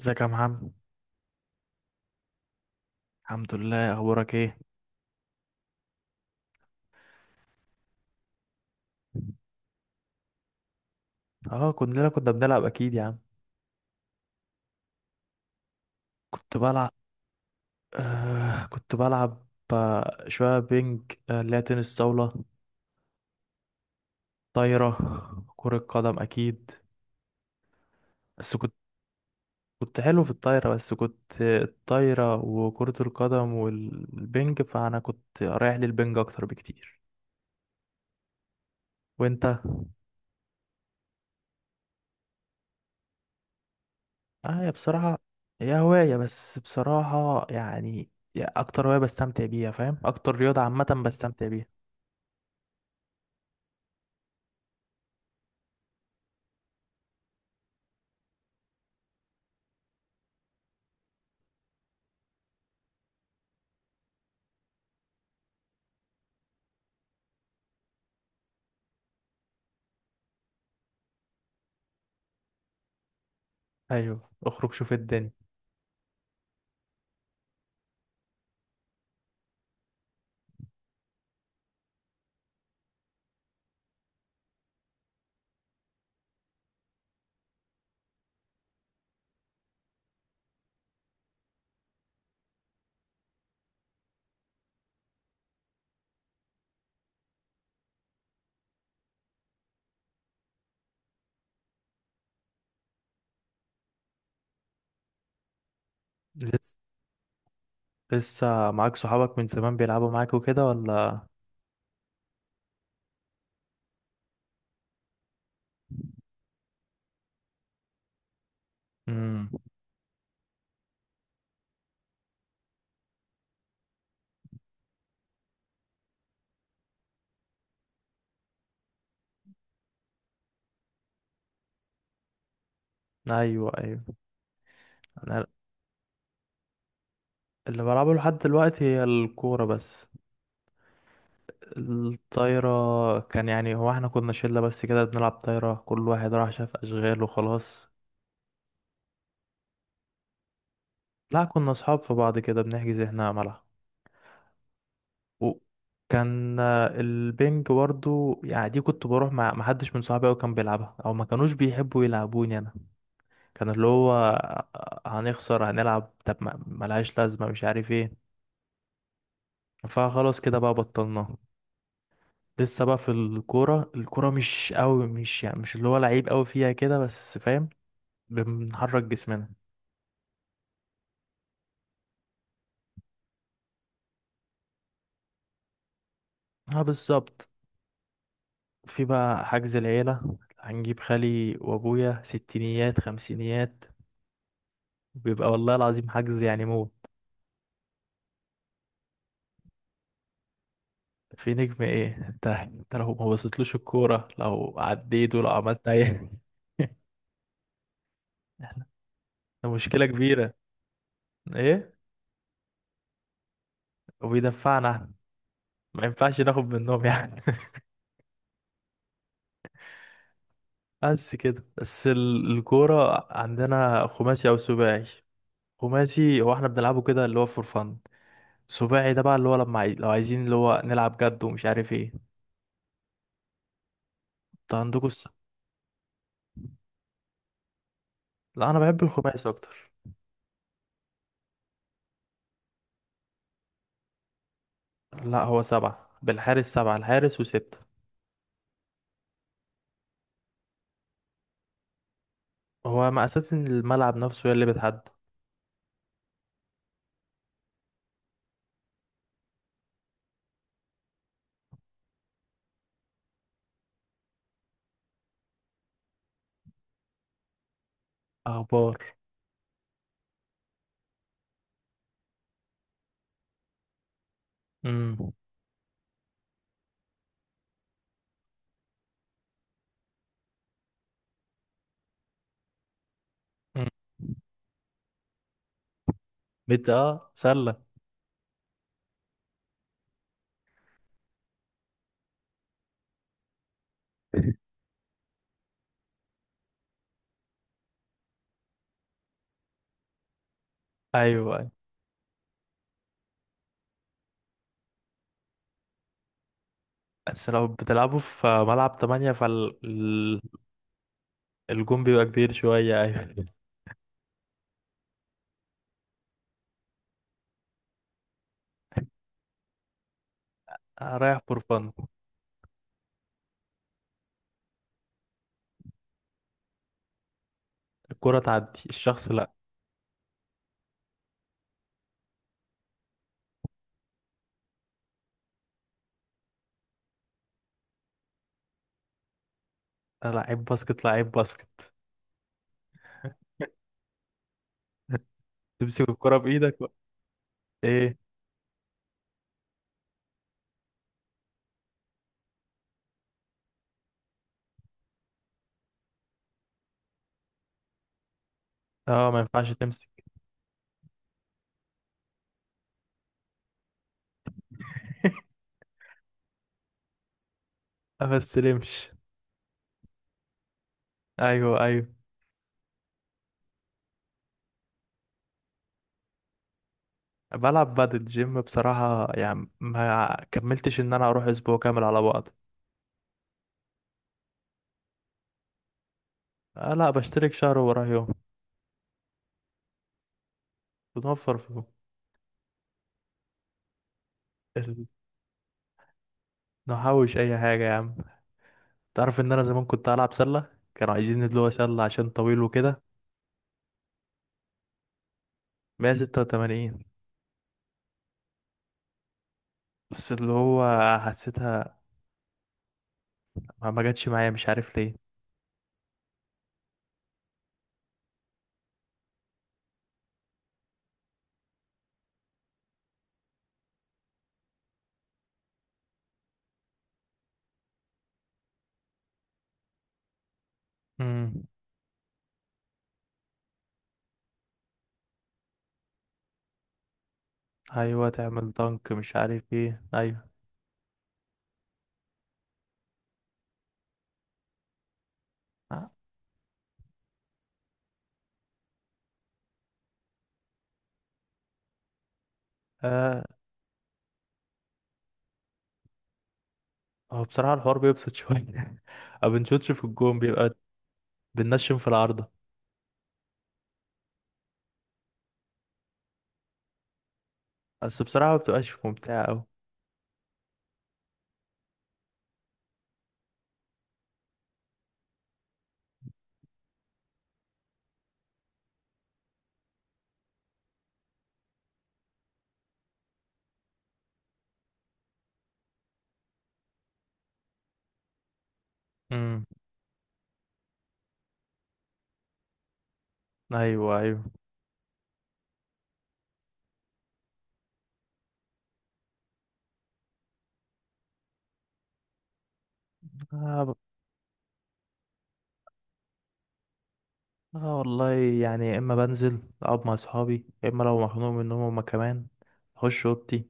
ازيك يا محمد. الحمد لله، اخبارك ايه؟ اه، كلنا كنا بنلعب اكيد يا عم. كنت بلعب كنت بلعب شويه بينج، اللي هي تنس طاوله. طايره، كره قدم اكيد. بس كنت كنت حلو في الطايره، بس كنت الطايره وكره القدم والبينج، فانا كنت رايح للبينج اكتر بكتير. وانت؟ اه يا بصراحه، هي هوايه، بس بصراحه يعني، يا اكتر هوايه بستمتع بيها، فاهم؟ اكتر رياضه عامه بستمتع بيها. ايوه، اخرج شوف الدنيا. لسه لسه معاك صحابك من زمان بيلعبوا معاك وكده ولا؟ امم. ايوه ايوه. انا اللي بلعبه لحد دلوقتي هي الكوره بس. الطايره كان يعني، هو احنا كنا شله بس كده بنلعب طايره، كل واحد راح شاف اشغال وخلاص. لا، كنا اصحاب في بعض كده، بنحجز احنا ملعب. وكان البنج برضو، يعني دي كنت بروح مع محدش من صحابي أوي كان بيلعبها، او ما كانوش بيحبوا يلعبوني انا. كان اللي هو هنخسر هنلعب، طب ملهاش لازمة، مش عارف ايه. فخلاص كده بقى بطلناه. لسه بقى في الكورة، الكورة مش قوي، مش يعني مش اللي هو لعيب قوي فيها كده، بس فاهم. بنحرك جسمنا. اه بالظبط. في بقى حجز العيلة، هنجيب خالي وابويا ستينيات خمسينيات. بيبقى والله العظيم حجز يعني موت. في نجم ايه؟ انت انت لو ما بصيتلوش الكورة، لو عديت، ولو عملت اي. ده مشكلة كبيرة. ايه؟ وبيدفعنا احنا. ما ينفعش ناخد منهم يعني. بس كده، الكورة عندنا خماسي أو سباعي. خماسي هو احنا بنلعبه كده اللي هو فور فن. سباعي ده بقى اللي هو لما لو عايزين اللي هو نلعب جد، ومش عارف ايه. انت عندكوا. لا انا بحب الخماسي اكتر. لا هو سبعة بالحارس، سبعة الحارس وستة. هو مقاسات الملعب نفسه هي اللي بتحدد. اخبار. امم. بت اه سلة. ايوه أيوة. بس لو بتلعبوا في ملعب تمانية، فالحارس، الجون بيبقى كبير شوية، أيوة. أنا رايح فور فن. الكرة تعدي الشخص، لأ. أنا لعيب باسكت، لعيب باسكت. تمسك الكرة بإيدك بقى. إيه؟ أه ما ينفعش تمسك. ما استلمش. أيوه أيوه. بلعب بادل جيم بصراحة، يعني ما كملتش إن أنا أروح أسبوع كامل على بعض. آه لأ، بشترك شهر وراه يوم. بنوفر فلوس. ال- نحوش أي حاجة يا عم. تعرف إن أنا زمان كنت ألعب سلة، كانوا عايزين اللي هو سلة عشان طويل وكده. 186. بس اللي هو حسيتها، ما جاتش معايا، مش عارف ليه. امم. ايوه تعمل دنك مش عارف ايه ايوه. آه. هو بصراحة الحوار بيبسط شوية. ما بنشوطش في الجون، بيبقى بننشم في العارضة. بس بصراحة ما بتبقاش ممتعة أوي. امم. أيوه أيوه. آه, ب... آه والله، يعني يا إما بنزل أقعد مع أصحابي، يا إما لو مخنوق منهم هما كمان، أخش أوضتي،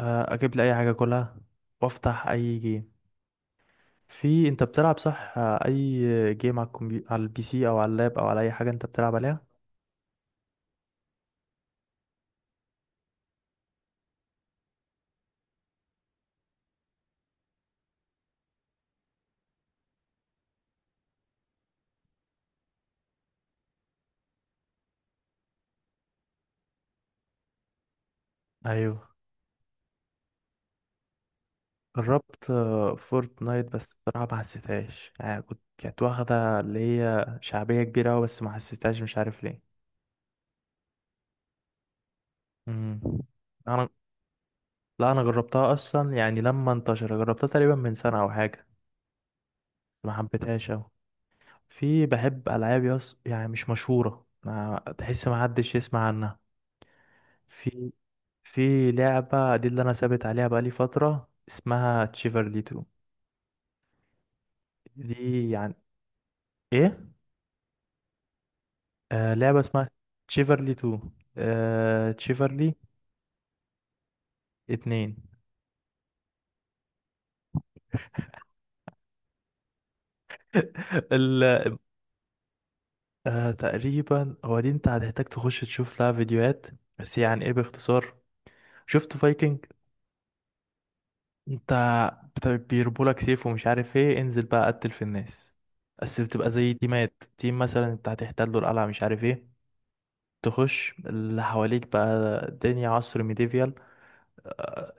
آه، أجيب لي أي حاجة أكلها، وأفتح أي جيم. في انت بتلعب صح، اي جيم على الكمبيوتر، على البي سي او على اللاب او على اي حاجه انت بتلعب عليها. ايوه. جربت فورتنايت، بس بصراحه ما حسيتهاش يعني، كنت كانت واخده اللي هي شعبيه كبيره أوي، بس ما حسيتهاش مش عارف ليه. امم. انا لا انا جربتها اصلا، يعني لما انتشر جربتها تقريبا من سنه او حاجه. ما حبيتهاش أوي. في بحب العاب يص يعني مش مشهوره، ما تحس ما حدش يسمع عنها. في في لعبة دي اللي أنا ثابت عليها بقالي فترة، اسمها تشيفرلي 2. دي يعني. إيه؟ آه لعبة اسمها تشيفرلي 2. آه تشيفرلي 2. ال... آه تقريبا هو دي، أنت هتحتاج تخش تشوف لها فيديوهات، بس يعني إيه باختصار. شفت فايكنج؟ أنت بيربولك سيف ومش عارف إيه، انزل بقى قتل في الناس. بس بتبقى زي تيمات، تيم مثلا أنت هتحتله القلعة مش عارف إيه. تخش اللي حواليك بقى. الدنيا عصر ميديفيال،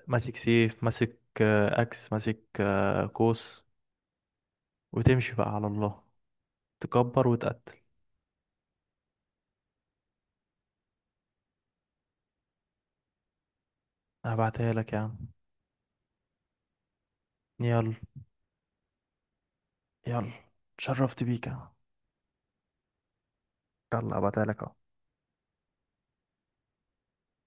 ماسك سيف، ماسك اكس، ماسك قوس. وتمشي بقى على الله، تكبر وتقتل. هبعتها لك يا عم. يلا. يلا اتشرفت بيك يا عم. يلا هبعتها لك اهو.